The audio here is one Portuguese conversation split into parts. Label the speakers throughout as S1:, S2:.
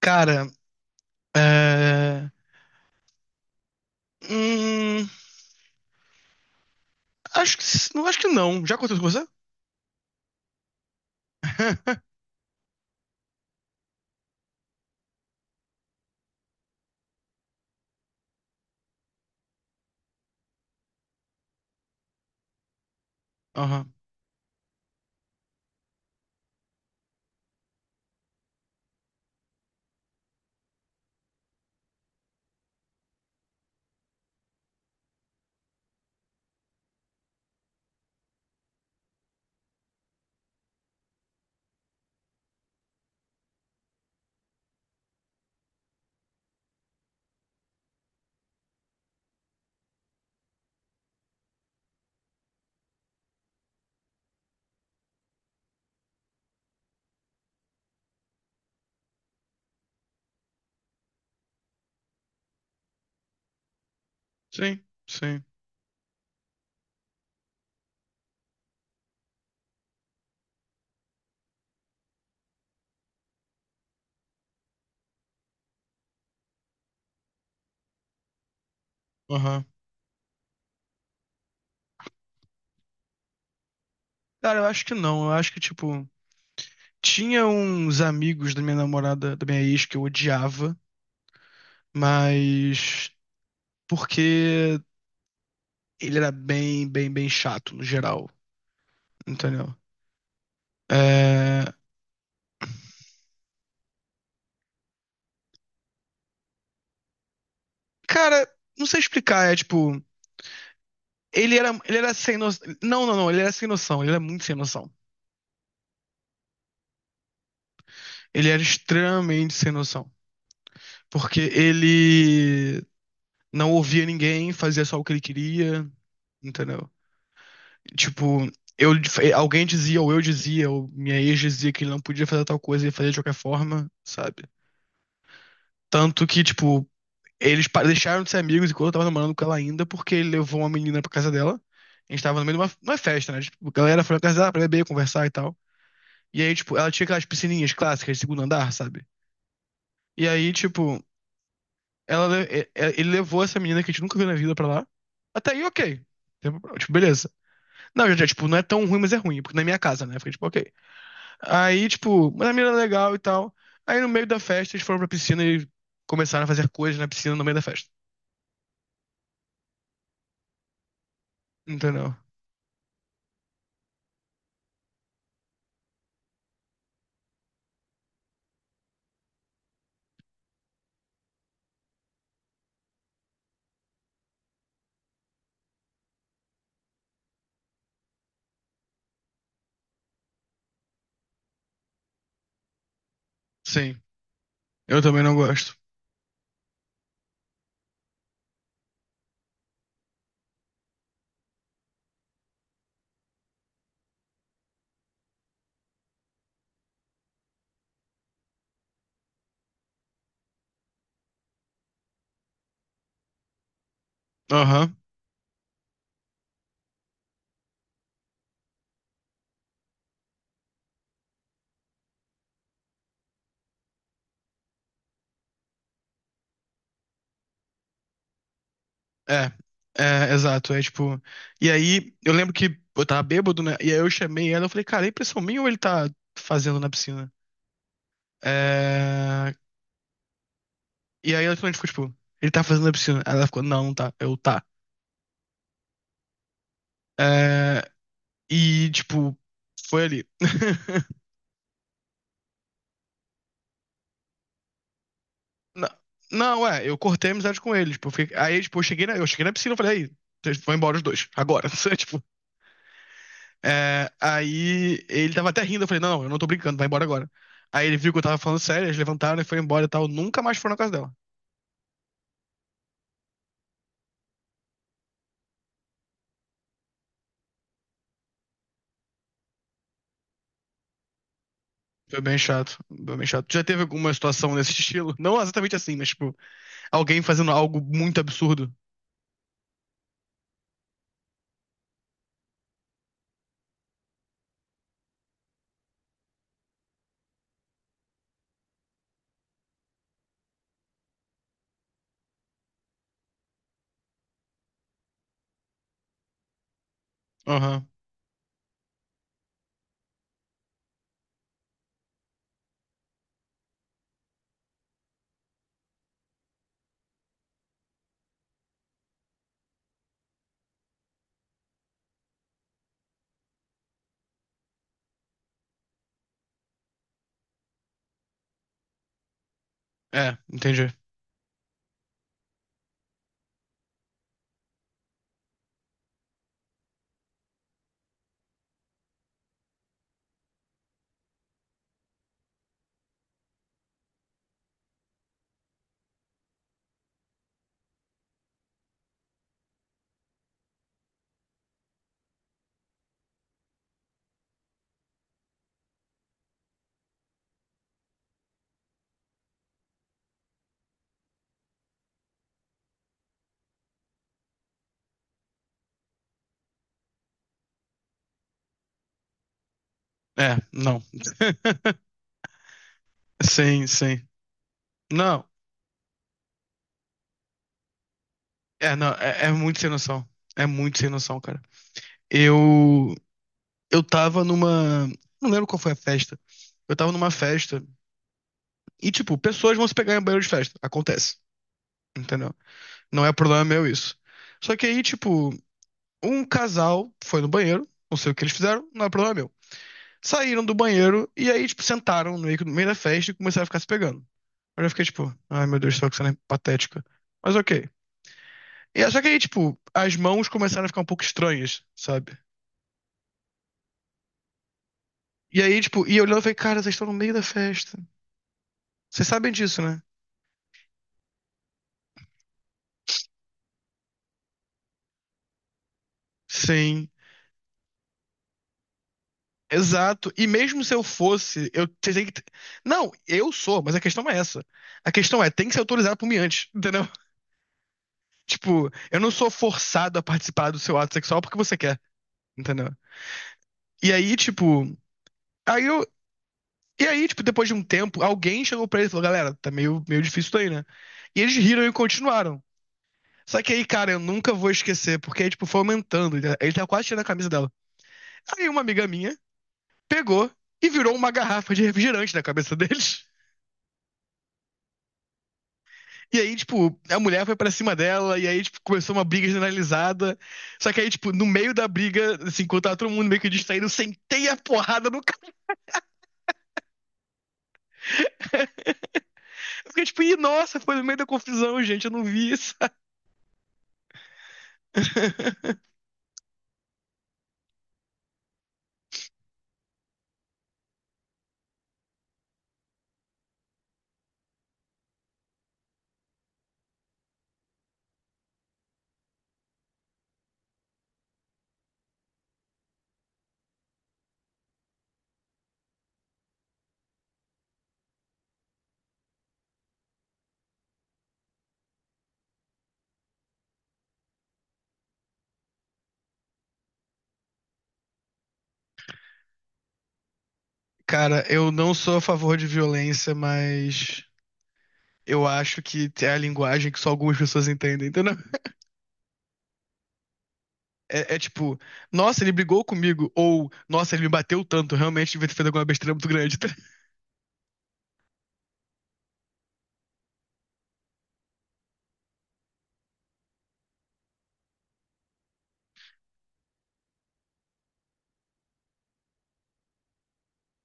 S1: Cara, é... hum, acho que não, acho que não. Já aconteceu com você? Aham. Sim, sim. Aham. Cara, eu acho que não. Eu acho que, tipo, tinha uns amigos da minha namorada, da minha ex, que eu odiava, mas porque ele era bem, bem, bem chato no geral, entendeu? É... Cara, não sei explicar, é tipo, ele era sem noção. Não, ele era sem noção, ele era muito sem noção. Ele era extremamente sem noção. Porque ele não ouvia ninguém, fazia só o que ele queria, entendeu? Tipo, eu, alguém dizia, ou eu dizia, ou minha ex dizia que ele não podia fazer tal coisa e ele fazia de qualquer forma, sabe? Tanto que, tipo, deixaram de ser amigos enquanto eu tava namorando com ela ainda, porque ele levou uma menina pra casa dela. A gente tava no meio de uma festa, né? Tipo, a galera foi na casa dela pra beber, conversar e tal. E aí, tipo, ela tinha aquelas piscininhas clássicas de segundo andar, sabe? E aí, tipo, Ela, le- e- ele levou essa menina que a gente nunca viu na vida pra lá. Até aí, ok. Tem Tipo, beleza. Não, já, tipo, não é tão ruim, mas é ruim, porque na minha casa, né? Fiquei, tipo, ok. Aí, tipo, mas a menina é legal e tal. Aí, no meio da festa, eles foram pra piscina e começaram a fazer coisas na piscina no meio da festa. Entendeu? Sim. Eu também não gosto. Aham. É. É, exato. E aí, eu lembro que eu tava bêbado, né? E aí eu chamei ela, eu falei, cara, é impressão minha ou ele tá fazendo na piscina? É... E aí ela finalmente ficou, tipo, ele tá fazendo a piscina. Aí ela ficou, não, não tá. Eu, tá. É, e, tipo, foi ali. Não, não, é, eu cortei a amizade com ele. Tipo, eu cheguei na piscina e falei, aí, vocês vão embora os dois, agora. Sabe, Tipo, é, aí ele tava até rindo, eu falei, não, não, eu não tô brincando, vai embora agora. Aí ele viu que eu tava falando sério, eles levantaram e foi embora e tal. Nunca mais foram na casa dela. Foi bem chato, foi bem chato. Já teve alguma situação desse estilo? Não exatamente assim, mas, tipo, alguém fazendo algo muito absurdo. Aham, É, entendi. É, não. Sim, sim. Não, é, não, é, é muito sem noção. É muito sem noção, cara. Eu, eu tava numa. Não lembro qual foi a festa. Eu tava numa festa e, tipo, pessoas vão se pegar em banheiro de festa. Acontece, entendeu? Não é problema meu isso. Só que aí, tipo, um casal foi no banheiro, não sei o que eles fizeram, não é problema meu. Saíram do banheiro e aí, tipo, sentaram no meio da festa e começaram a ficar se pegando. Eu já fiquei, tipo, ai meu Deus do céu, que cena patética. Mas ok. E é só que aí, tipo, as mãos começaram a ficar um pouco estranhas, sabe? E aí, tipo, e olhando, eu falei, cara, vocês estão no meio da festa. Vocês sabem disso, né? Sim. Exato. E mesmo se eu fosse, eu vocês têm que. T- Não, eu sou, mas a questão é essa. A questão é, tem que ser autorizado por mim antes, entendeu? Tipo, eu não sou forçado a participar do seu ato sexual porque você quer, entendeu? E aí, tipo, aí eu. E aí, tipo, depois de um tempo, alguém chegou pra ele e falou, galera, tá meio, meio difícil isso daí, né? E eles riram e continuaram. Só que aí, cara, eu nunca vou esquecer, porque, tipo, foi aumentando. Ele tava quase tirando a camisa dela. Aí uma amiga minha pegou e virou uma garrafa de refrigerante na cabeça deles. E aí, tipo, a mulher foi pra cima dela, e aí, tipo, começou uma briga generalizada. Só que aí, tipo, no meio da briga, assim, enquanto tava todo mundo meio que distraído, eu sentei a porrada no cara. Eu fiquei tipo, ih, nossa, foi no meio da confusão, gente, eu não vi isso. Cara, eu não sou a favor de violência, mas eu acho que é a linguagem que só algumas pessoas entendem, entendeu? É, é tipo, nossa, ele brigou comigo. Ou, nossa, ele me bateu tanto. Realmente devia ter feito alguma besteira muito grande. Tá?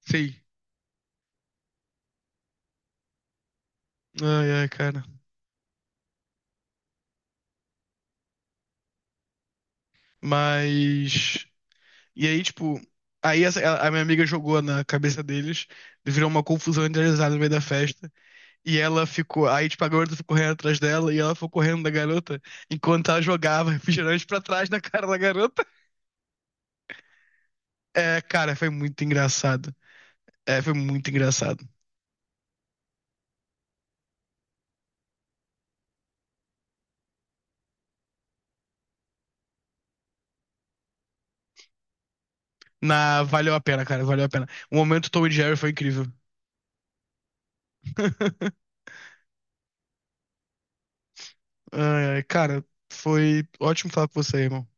S1: Sim. Ai, ai, cara. Mas. E aí, tipo. A minha amiga jogou na cabeça deles, virou uma confusão generalizada no meio da festa. E ela ficou. Aí, tipo, a garota ficou correndo atrás dela e ela foi correndo da garota enquanto ela jogava refrigerante pra trás na cara da garota. É, cara, foi muito engraçado. É, foi muito engraçado. Na, valeu a pena, cara, valeu a pena. O momento Tom e Jerry foi incrível. Ai, ai, cara, foi ótimo falar com você, irmão.